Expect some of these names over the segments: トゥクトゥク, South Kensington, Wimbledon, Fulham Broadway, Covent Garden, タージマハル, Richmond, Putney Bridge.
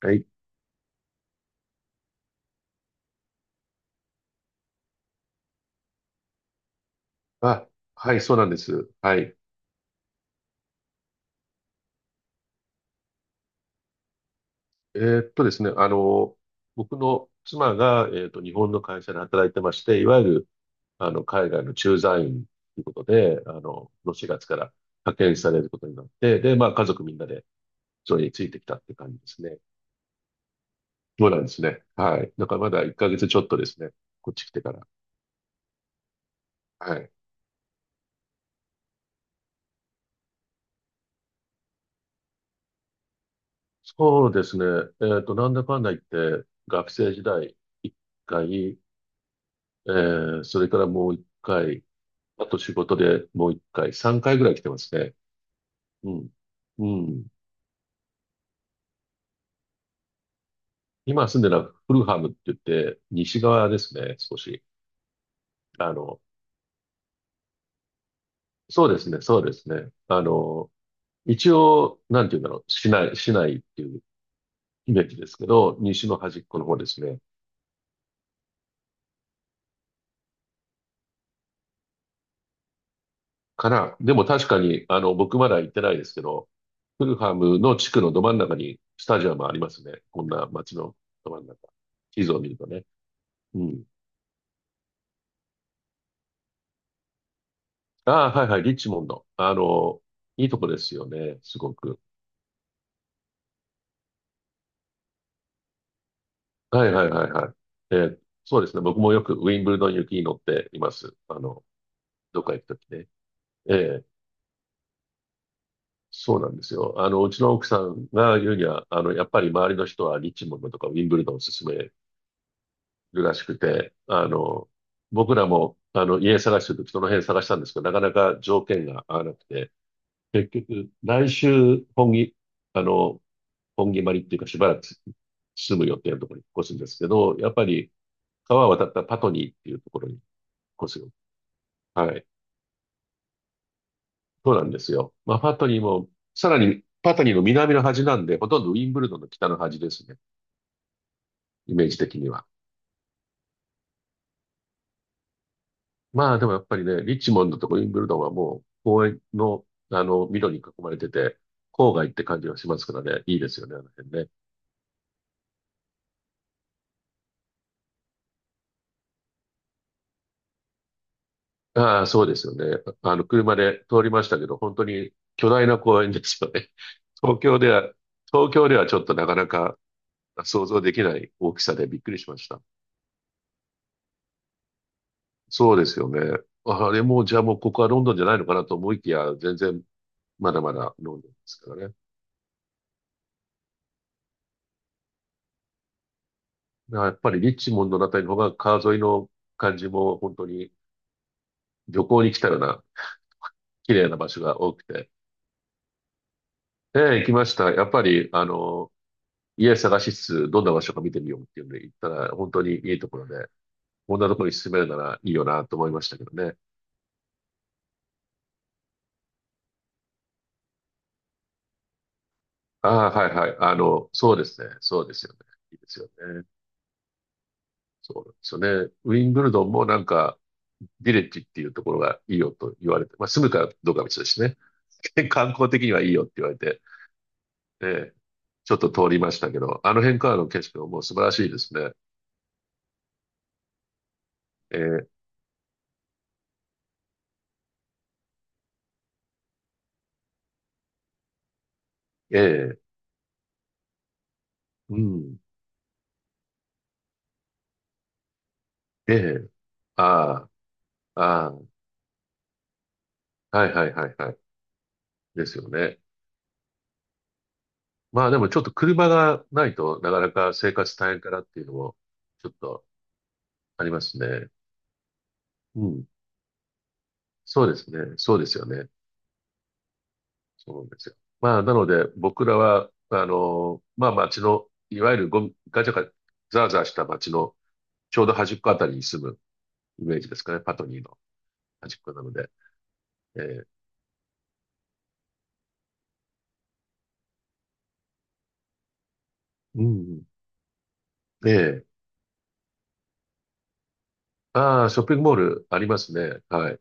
はい。あ、はい、そうなんです。はい。ですね、僕の妻が、日本の会社で働いてまして、いわゆる、海外の駐在員ということで、この4月から派遣されることになって、で、まあ、家族みんなで、それについてきたって感じですね。そうなんですね。はい。だからまだ1ヶ月ちょっとですね。こっち来てから。はい。そうですね。なんだかんだ言って、学生時代1回、それからもう1回、あと仕事でもう一回、三回ぐらい来てますね。うん。うん。今住んでるのはフルハムって言って、西側ですね、少し。あの、そうですね、そうですね。一応、なんて言うんだろう、市内っていうイメージですけど、西の端っこの方ですね。から、でも確かに、僕まだ行ってないですけど、フルハムの地区のど真ん中にスタジアムありますね。こんな街のど真ん中。地図を見るとね。うん。ああ、はいはい、リッチモンド。いいとこですよね、すごく。はいはいはいはい。そうですね、僕もよくウィンブルドン行きに乗っています。どっか行くときね。ええ、そうなんですよ。うちの奥さんが言うには、やっぱり周りの人はリッチモンドとかウィンブルドンを勧めるらしくて、僕らも、家探してるときその辺探したんですけど、なかなか条件が合わなくて、結局、来週、本気、あの、本毛まりっていうかしばらく住む予定のところに越すんですけど、やっぱり川を渡ったパトニーっていうところに越すよ。はい。そうなんですよ。まあ、パトニーも、さらにパトニーの南の端なんで、ほとんどウィンブルドンの北の端ですね。イメージ的には。まあでもやっぱりね、リッチモンドとかウィンブルドンはもう公園の、緑に囲まれてて、郊外って感じがしますからね、いいですよね、あの辺ね。ああ、そうですよね。車で通りましたけど、本当に巨大な公園ですよね。東京では、東京ではちょっとなかなか想像できない大きさでびっくりしました。そうですよね。あれも、じゃあもうここはロンドンじゃないのかなと思いきや、全然まだまだロンドンですからね。だからやっぱりリッチモンドのあたりの方が川沿いの感じも本当に旅行に来たような綺麗な場所が多くて。ええ、行きました。やっぱり、家探しつつ、どんな場所か見てみようっていうんで行ったら、本当にいいところで、こんなところに住めるならいいよなと思いましたけどね。ああ、はいはい。そうですね。そうですよね。いいですよね。そうなんですよね。ウィンブルドンもなんか、ビレッジっていうところがいいよと言われて、まあ住むかどうかは別ですね。観光的にはいいよって言われて、ええ、ちょっと通りましたけど、あの辺からの景色ももう素晴らしいですね。ええ、ええ、うん、ええ、ああ、ああ、はいはいはいはい。ですよね。まあでもちょっと車がないとなかなか生活大変かなっていうのもちょっとありますね。うん。そうですね。そうですよね。そうなんですよ。まあなので僕らは、まあ街の、いわゆるゴミ、ガチャガチャ、ザーザーした街のちょうど端っこあたりに住むイメージですかね。パトニーの端っこなので。ええ、うんうん。ええ、ああ、ショッピングモールありますね。はい。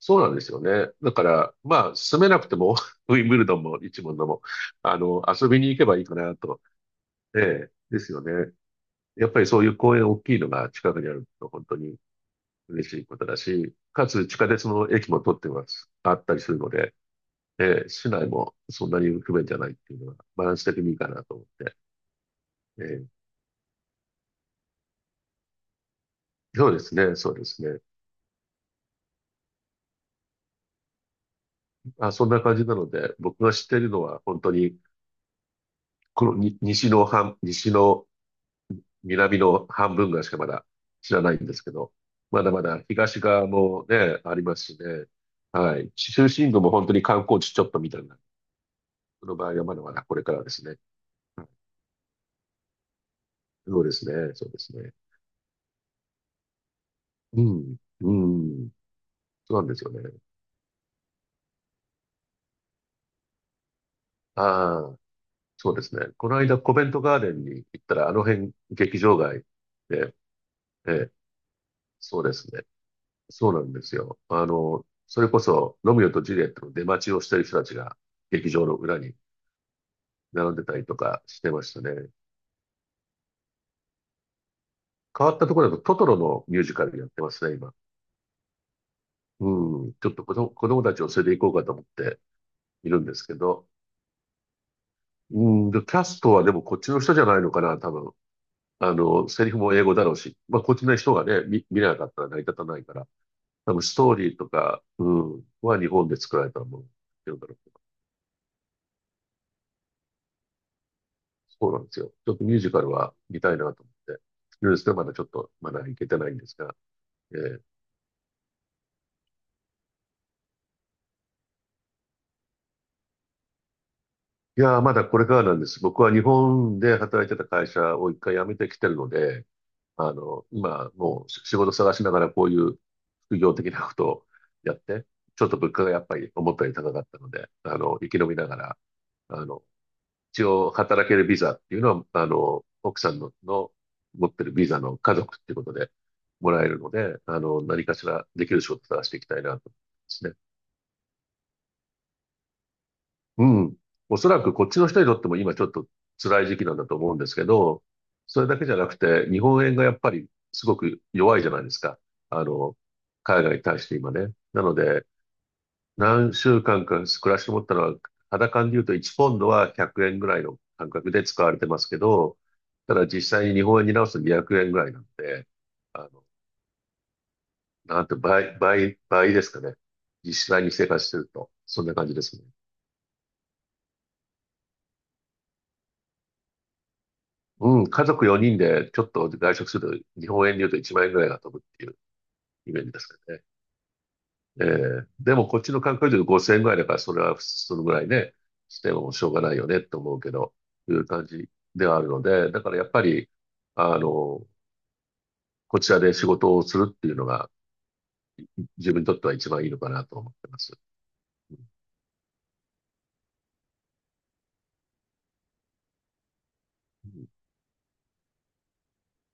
そうなんですよね。だから、まあ、住めなくても、ウィンブルドンも一門のも、遊びに行けばいいかなと。ええ、ですよね。やっぱりそういう公園大きいのが近くにあると本当に嬉しいことだし、かつ地下鉄の駅も取ってます、あったりするので、ええ、市内もそんなに不便じゃないっていうのはバランス的にいいかなと思って。ええ、そうですね、そうですね。あ、そんな感じなので、僕が知っているのは本当に、このに西の半、西の南の半分ぐらいしかまだ知らないんですけど、まだまだ東側もね、ありますしね。はい。中心部も本当に観光地ちょっとみたいな。その場合はまだまだこれからですね。はい、そうですね。そうですね。うん。うん。そうなんですよね。ああ、そうですね。この間コベントガーデンに行ったら、あの辺劇場街で、ええ、そうですね。そうなんですよ。それこそ、ロミオとジュリエットの出待ちをしてる人たちが劇場の裏に並んでたりとかしてましたね。変わったところだとトトロのミュージカルやってますね、今。うん。ちょっと子供たちを連れて行こうかと思っているんですけど。うん。で、キャストはでもこっちの人じゃないのかな、多分。セリフも英語だろうし。まあ、こっちの人がね、見れなかったら成り立たないから。多分ストーリーとか、うん、は日本で作られたものをってるんだろうけど。そうなんですよ。ちょっとミュージカルは見たいなと思って、いるんですけどまだちょっと、まだ行けてないんですが。えーいやー、まだこれからなんです。僕は日本で働いてた会社を一回辞めてきてるので、今、もう仕事探しながらこういう副業的なことをやって、ちょっと物価がやっぱり思ったより高かったので、生き延びながら、あの、一応働けるビザっていうのは、奥さんの持ってるビザの家族っていうことでもらえるので、何かしらできる仕事を探していきたいなと思いますね。うん。おそらくこっちの人にとっても今ちょっと辛い時期なんだと思うんですけど、それだけじゃなくて、日本円がやっぱりすごく弱いじゃないですか。あの、海外に対して今ね。なので、何週間か暮らして思ったのは、肌感で言うと1ポンドは100円ぐらいの感覚で使われてますけど、ただ実際に日本円に直すと200円ぐらいなんで、あの、なんて倍、倍、倍ですかね。実際に生活してると、そんな感じですね。うん、家族4人でちょっと外食すると日本円で言うと1万円ぐらいが飛ぶっていうイメージですかね。ええ、でもこっちの観光地で5000円ぐらいだから、それはそのぐらいしてもしょうがないよねと思うけど、いう感じではあるので、だからやっぱり、あの、こちらで仕事をするっていうのが自分にとっては一番いいのかなと思ってます。うん、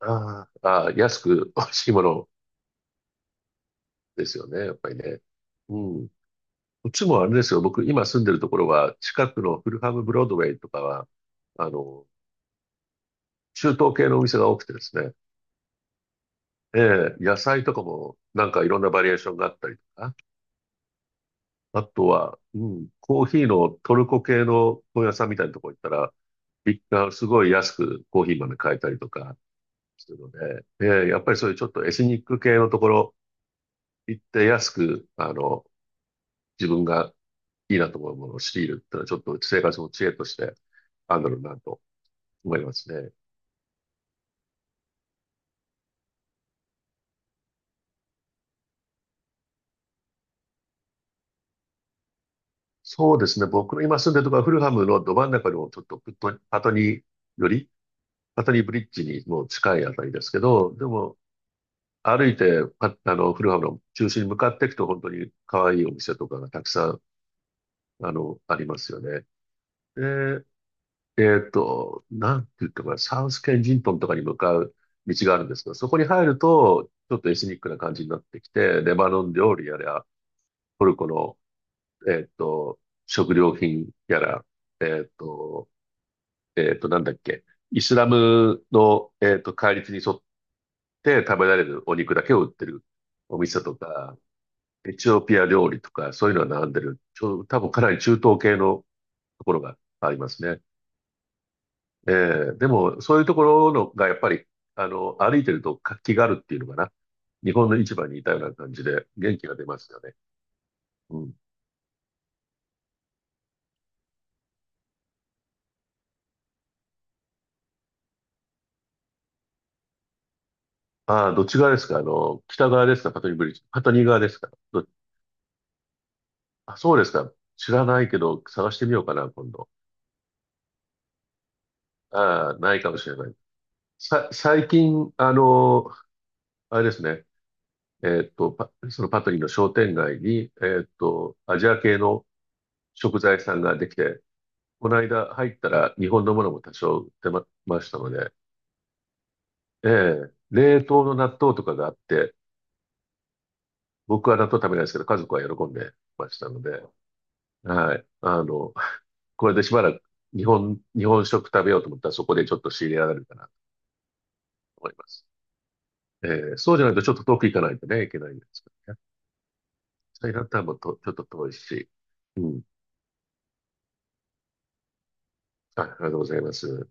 安く美味しいものですよね、やっぱりね。うん。こっちもあれですよ。僕、今住んでるところは、近くのフルハムブロードウェイとかは、あの、中東系のお店が多くてですね。ええ、野菜とかも、なんかいろんなバリエーションがあったりとか、あとは、うん、コーヒーのトルコ系の本屋さんみたいなところ行ったら、すごい安くコーヒー豆買えたりとかするので、ええ、やっぱりそういうちょっとエスニック系のところ行って安く、自分がいいなと思うものを仕入れるってのは、ちょっと生活の知恵としてあるんだろうなと思いますね。そうですね。僕の今住んでるところはフルハムのど真ん中のちょっとプットパトニーより、パトニーブリッジにもう近いあたりですけど、でも歩いてフルハムの中心に向かっていくと本当に可愛いお店とかがたくさんありますよね。で、なんて言ったかな、サウスケンジントンとかに向かう道があるんですが、そこに入るとちょっとエスニックな感じになってきて、レバノン料理やら、トルコの、えっと、食料品やら、えっと、なんだっけ、イスラムの、戒律に沿って食べられるお肉だけを売ってるお店とか、エチオピア料理とか、そういうのは並んでる。多分かなり中東系のところがありますね。えでも、そういうところのがやっぱり、歩いてると活気があるっていうのかな。日本の市場にいたような感じで元気が出ますよね。うん。ああ、どっち側ですか、あの、北側ですか、パトニーブリッジ。パトニー側ですかあ、そうですか。知らないけど、探してみようかな、今度。ああ、ないかもしれない。最近、あの、あれですね、そのパトリーの商店街に、アジア系の食材屋さんができて、この間入ったら日本のものも多少売ってま、ましたので、ええ、冷凍の納豆とかがあって、僕は納豆食べないですけど、家族は喜んでましたので、はい。あの、これでしばらく日本食食べようと思ったらそこでちょっと仕入れられるかなと思います。ええ、そうじゃないとちょっと遠く行かないとね、いけないんですけどね。それったらもと、ちょっと遠いし。うん。あ、ありがとうございます。